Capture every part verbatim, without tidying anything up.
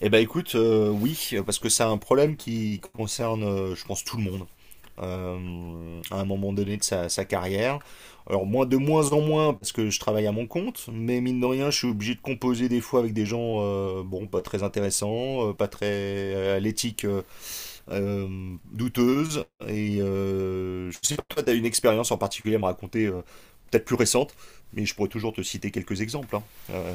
Eh ben écoute, euh, oui, parce que c'est un problème qui concerne, euh, je pense, tout le monde euh, à un moment donné de sa, sa carrière. Alors moi, de moins en moins, parce que je travaille à mon compte, mais mine de rien, je suis obligé de composer des fois avec des gens, euh, bon, pas très intéressants, euh, pas très euh, à l'éthique euh, euh, douteuse. Et euh, je sais pas, toi, t'as une expérience en particulier à me raconter, euh, peut-être plus récente, mais je pourrais toujours te citer quelques exemples, hein. Euh,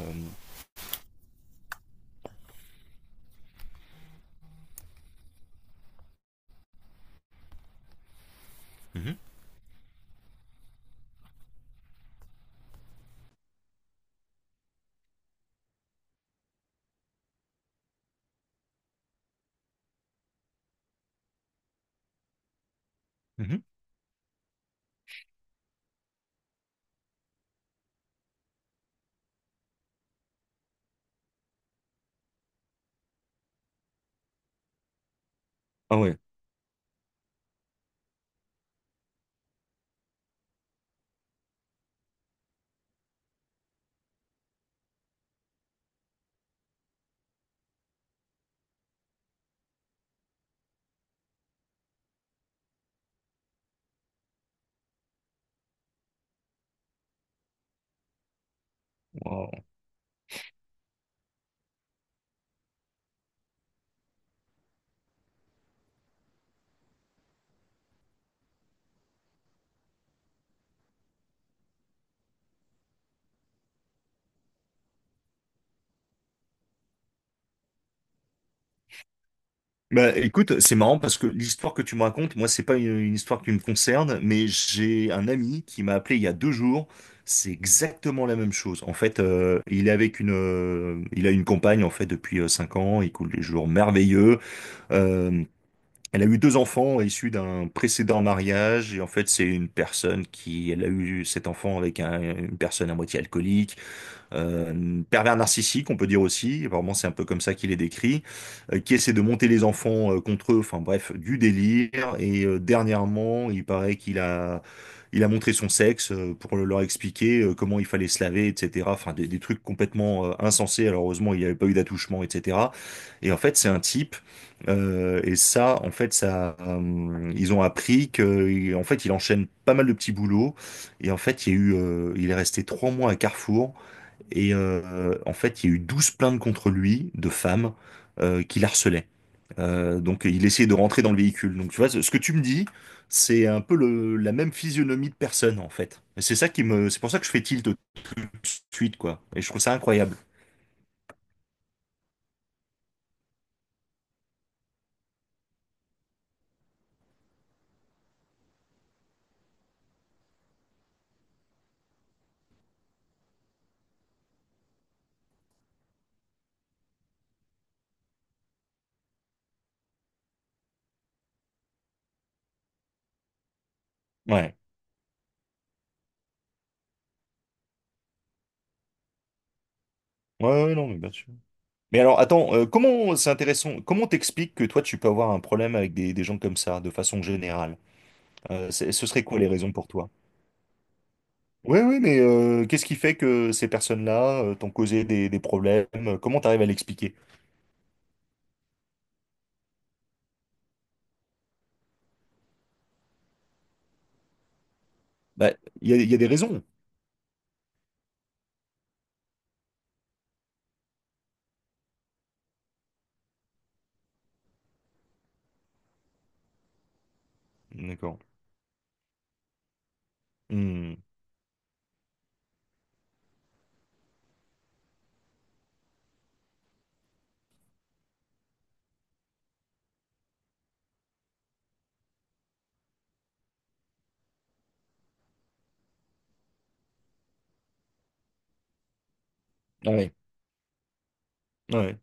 Mhm, mhm. Ah ouais. Bah, écoute, c'est marrant parce que l'histoire que tu me racontes, moi, c'est pas une, une histoire qui me concerne, mais j'ai un ami qui m'a appelé il y a deux jours. C'est exactement la même chose. En fait, euh, il est avec une, euh, il a une compagne en fait depuis euh, cinq ans. Il coule des jours merveilleux. Euh, Elle a eu deux enfants issus d'un précédent mariage et en fait, c'est une personne qui, elle a eu cet enfant avec un- une personne à moitié alcoolique, euh, pervers narcissique, on peut dire aussi, vraiment c'est un peu comme ça qu'il est décrit, euh, qui essaie de monter les enfants euh, contre eux, enfin bref, du délire. Et euh, dernièrement, il paraît qu'il a, il a montré son sexe euh, pour leur expliquer euh, comment il fallait se laver, et cetera. Enfin des, des trucs complètement euh, insensés. Alors heureusement, il n'y avait pas eu d'attouchement, et cetera. Et en fait, c'est un type. Euh, et ça, en fait, ça, euh, ils ont appris que, en fait, il enchaîne pas mal de petits boulots. Et en fait, il y a eu, euh, il est resté trois mois à Carrefour et euh, en fait, il y a eu douze plaintes contre lui de femmes euh, qui l'harcelaient. Euh, donc, il essayait de rentrer dans le véhicule. Donc, tu vois, ce ce que tu me dis, c'est un peu le- la même physionomie de personne, en fait. Et c'est ça qui me, c'est pour ça que je fais tilt tout de suite, quoi. Et je trouve ça incroyable. Ouais. Ouais, ouais, non, mais bien sûr. Mais alors, attends, euh, comment, c'est intéressant, comment t'expliques que toi, tu peux avoir un problème avec des, des gens comme ça, de façon générale? Euh, c'est- ce serait quoi les raisons pour toi? Oui, oui, mais euh, qu'est-ce qui fait que ces personnes-là euh, t'ont causé des, des problèmes? Comment t'arrives à l'expliquer? Bah, il y a, il y a des raisons. D'accord. Hmm. Ouais. Ouais.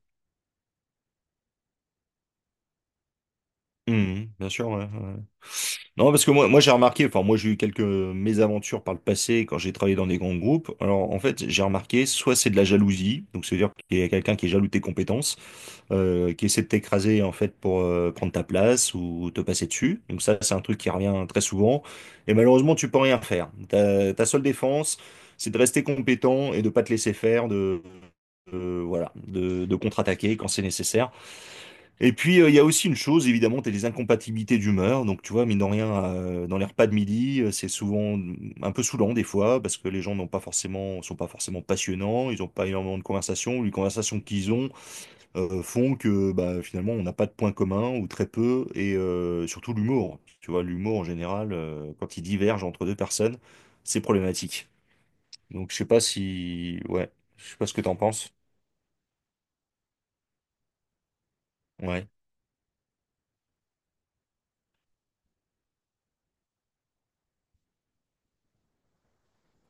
Hmm. Bien sûr, ouais. Ouais. Non, parce que moi, moi j'ai remarqué, enfin moi j'ai eu quelques mésaventures par le passé quand j'ai travaillé dans des grands groupes. Alors en fait j'ai remarqué, soit c'est de la jalousie, donc c'est-à-dire qu'il y a quelqu'un qui est jaloux de tes compétences, euh, qui essaie de t'écraser en fait pour euh, prendre ta place ou te passer dessus. Donc ça c'est un truc qui revient très souvent. Et malheureusement tu peux rien faire. Ta, ta seule défense, c'est de rester compétent et de pas te laisser faire, de, de- voilà, de, de contre-attaquer quand c'est nécessaire. Et puis, euh, il y a aussi une chose, évidemment, tu as les incompatibilités d'humeur. Donc, tu vois, mine de rien, euh, dans les repas de midi, euh, c'est souvent un peu saoulant des fois, parce que les gens n'ont pas forcément, sont pas forcément passionnants, ils n'ont pas énormément de conversations, ou les conversations qu'ils ont euh, font que bah, finalement, on n'a pas de points communs, ou très peu, et euh, surtout l'humour. Tu vois, l'humour, en général, euh, quand il diverge entre deux personnes, c'est problématique. Donc, je sais pas si... Ouais, je sais pas ce que t'en penses. Ouais.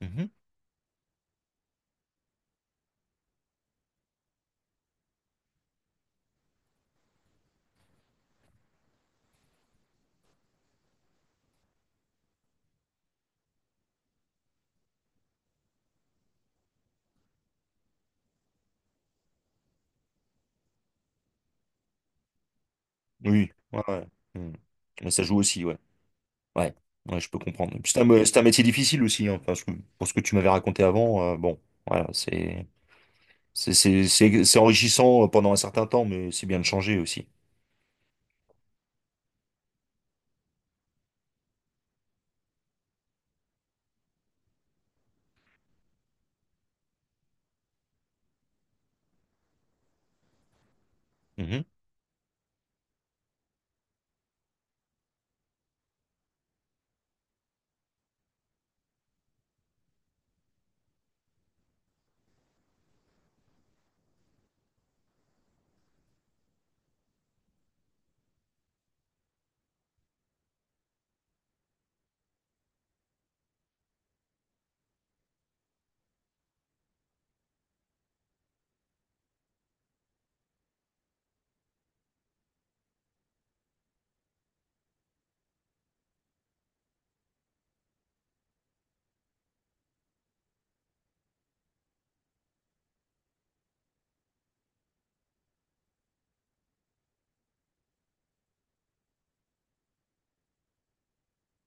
Mhm. Oui, ouais. Ouais. Mm. Mais ça joue aussi, ouais. Ouais, ouais, je peux comprendre. Et puis C'est un, mé- c'est un métier difficile aussi, hein. Enfin, je- pour ce que tu m'avais raconté avant, euh, bon, voilà, c'est c'est c'est- c'est- c'est enrichissant euh, pendant un certain temps, mais c'est bien de changer aussi. Mhm.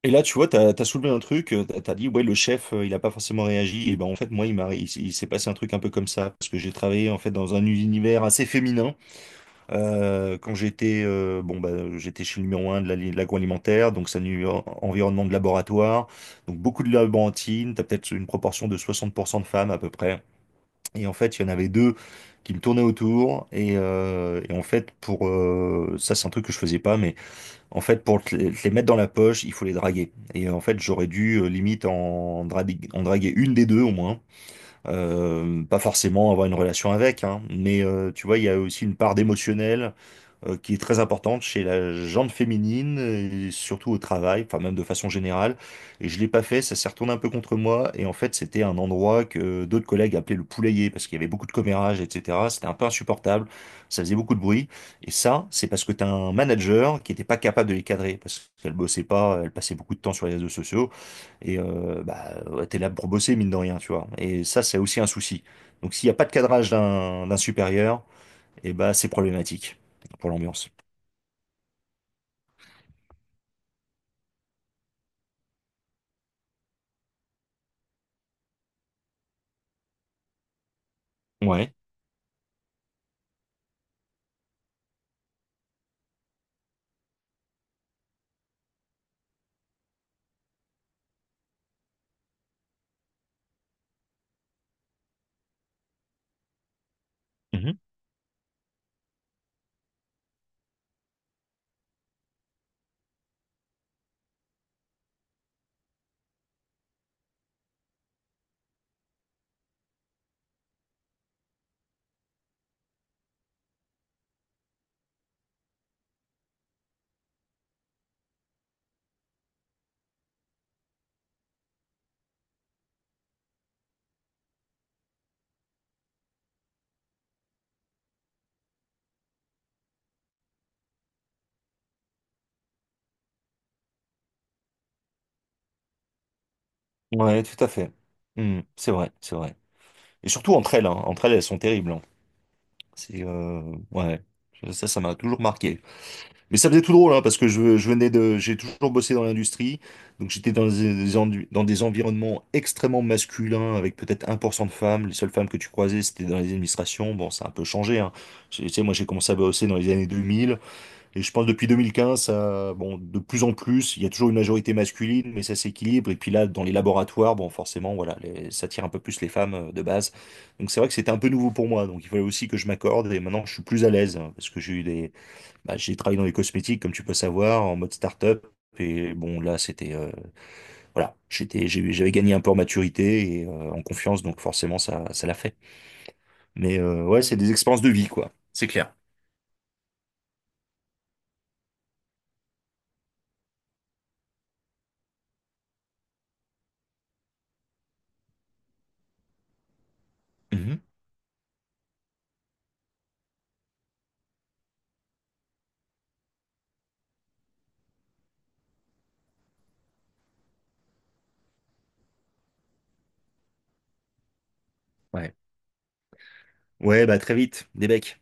Et là, tu vois, t'as, t'as soulevé un truc, euh, t'as t'as dit, ouais, le chef, euh, il a pas forcément réagi. Et ben, en fait, moi, il m'a, il, s- il s'est passé un truc un peu comme ça, parce que j'ai travaillé, en fait, dans un univers assez féminin. Euh, quand j'étais euh, bon bah, j'étais chez le numéro un de la- de l'agroalimentaire, donc c'est un numéro- environnement de laboratoire, donc beaucoup de laborantines, t'as peut-être une proportion de soixante pour cent de femmes à peu près. Et en fait, il y en avait deux qui me tournaient autour. Et, euh, et en fait, pour euh, ça, c'est un truc que je faisais pas, mais en fait, pour te les, te les mettre dans la poche, il faut les draguer. Et en fait, j'aurais dû euh, limite en, draguer, en draguer une des deux au moins. Euh, pas forcément avoir une relation avec, hein, mais euh, tu vois, il y a aussi une part d'émotionnel euh, qui est très importante chez la gente féminine, et surtout au travail, enfin même de façon générale. Et je l'ai pas fait, ça s'est retourné un peu contre moi. Et en fait, c'était un endroit que d'autres collègues appelaient le poulailler parce qu'il y avait beaucoup de commérages, et cetera. C'était un peu insupportable, ça faisait beaucoup de bruit. Et ça, c'est parce que tu as un manager qui n'était pas capable de les cadrer parce qu'elle bossait pas, elle passait beaucoup de temps sur les réseaux sociaux. Et euh, bah, ouais, t'es là pour bosser, mine de rien, tu vois. Et ça, c'est aussi un souci. Donc, s'il n'y a pas de cadrage d'un d'un supérieur, et bah c'est problématique pour l'ambiance. Ouais. Mhm. Ouais, tout à fait. Hmm, c'est vrai, c'est vrai. Et surtout entre elles, hein. Entre elles, elles sont terribles, hein. C'est euh, ouais, ça, ça m'a toujours marqué. Mais ça faisait tout drôle, hein, parce que je, je venais de, j'ai toujours bossé dans l'industrie, donc j'étais dans des, des endu- dans des environnements extrêmement masculins, avec peut-être un pour cent de femmes. Les seules femmes que tu croisais, c'était dans les administrations. Bon, ça a un peu changé, hein. Tu sais, moi, j'ai commencé à bosser dans les années deux mille. Et je pense depuis deux mille quinze, ça, bon, de plus en plus, il y a toujours une majorité masculine, mais ça s'équilibre. Et puis là, dans les laboratoires, bon, forcément, voilà, les- ça tire un peu plus les femmes euh, de base. Donc c'est vrai que c'était un peu nouveau pour moi. Donc il fallait aussi que je m'accorde. Et maintenant, je suis plus à l'aise hein, parce que j'ai eu des, bah, j'ai travaillé dans les cosmétiques, comme tu peux savoir, en mode start-up. Et bon, là, c'était, euh, voilà, j'étais, j'ai- j'avais gagné un peu en maturité et euh, en confiance. Donc forcément, ça, ça l'a fait. Mais euh, ouais, c'est des expériences de vie, quoi. C'est clair. Mhm. Ouais. Ouais, bah très vite, des becs.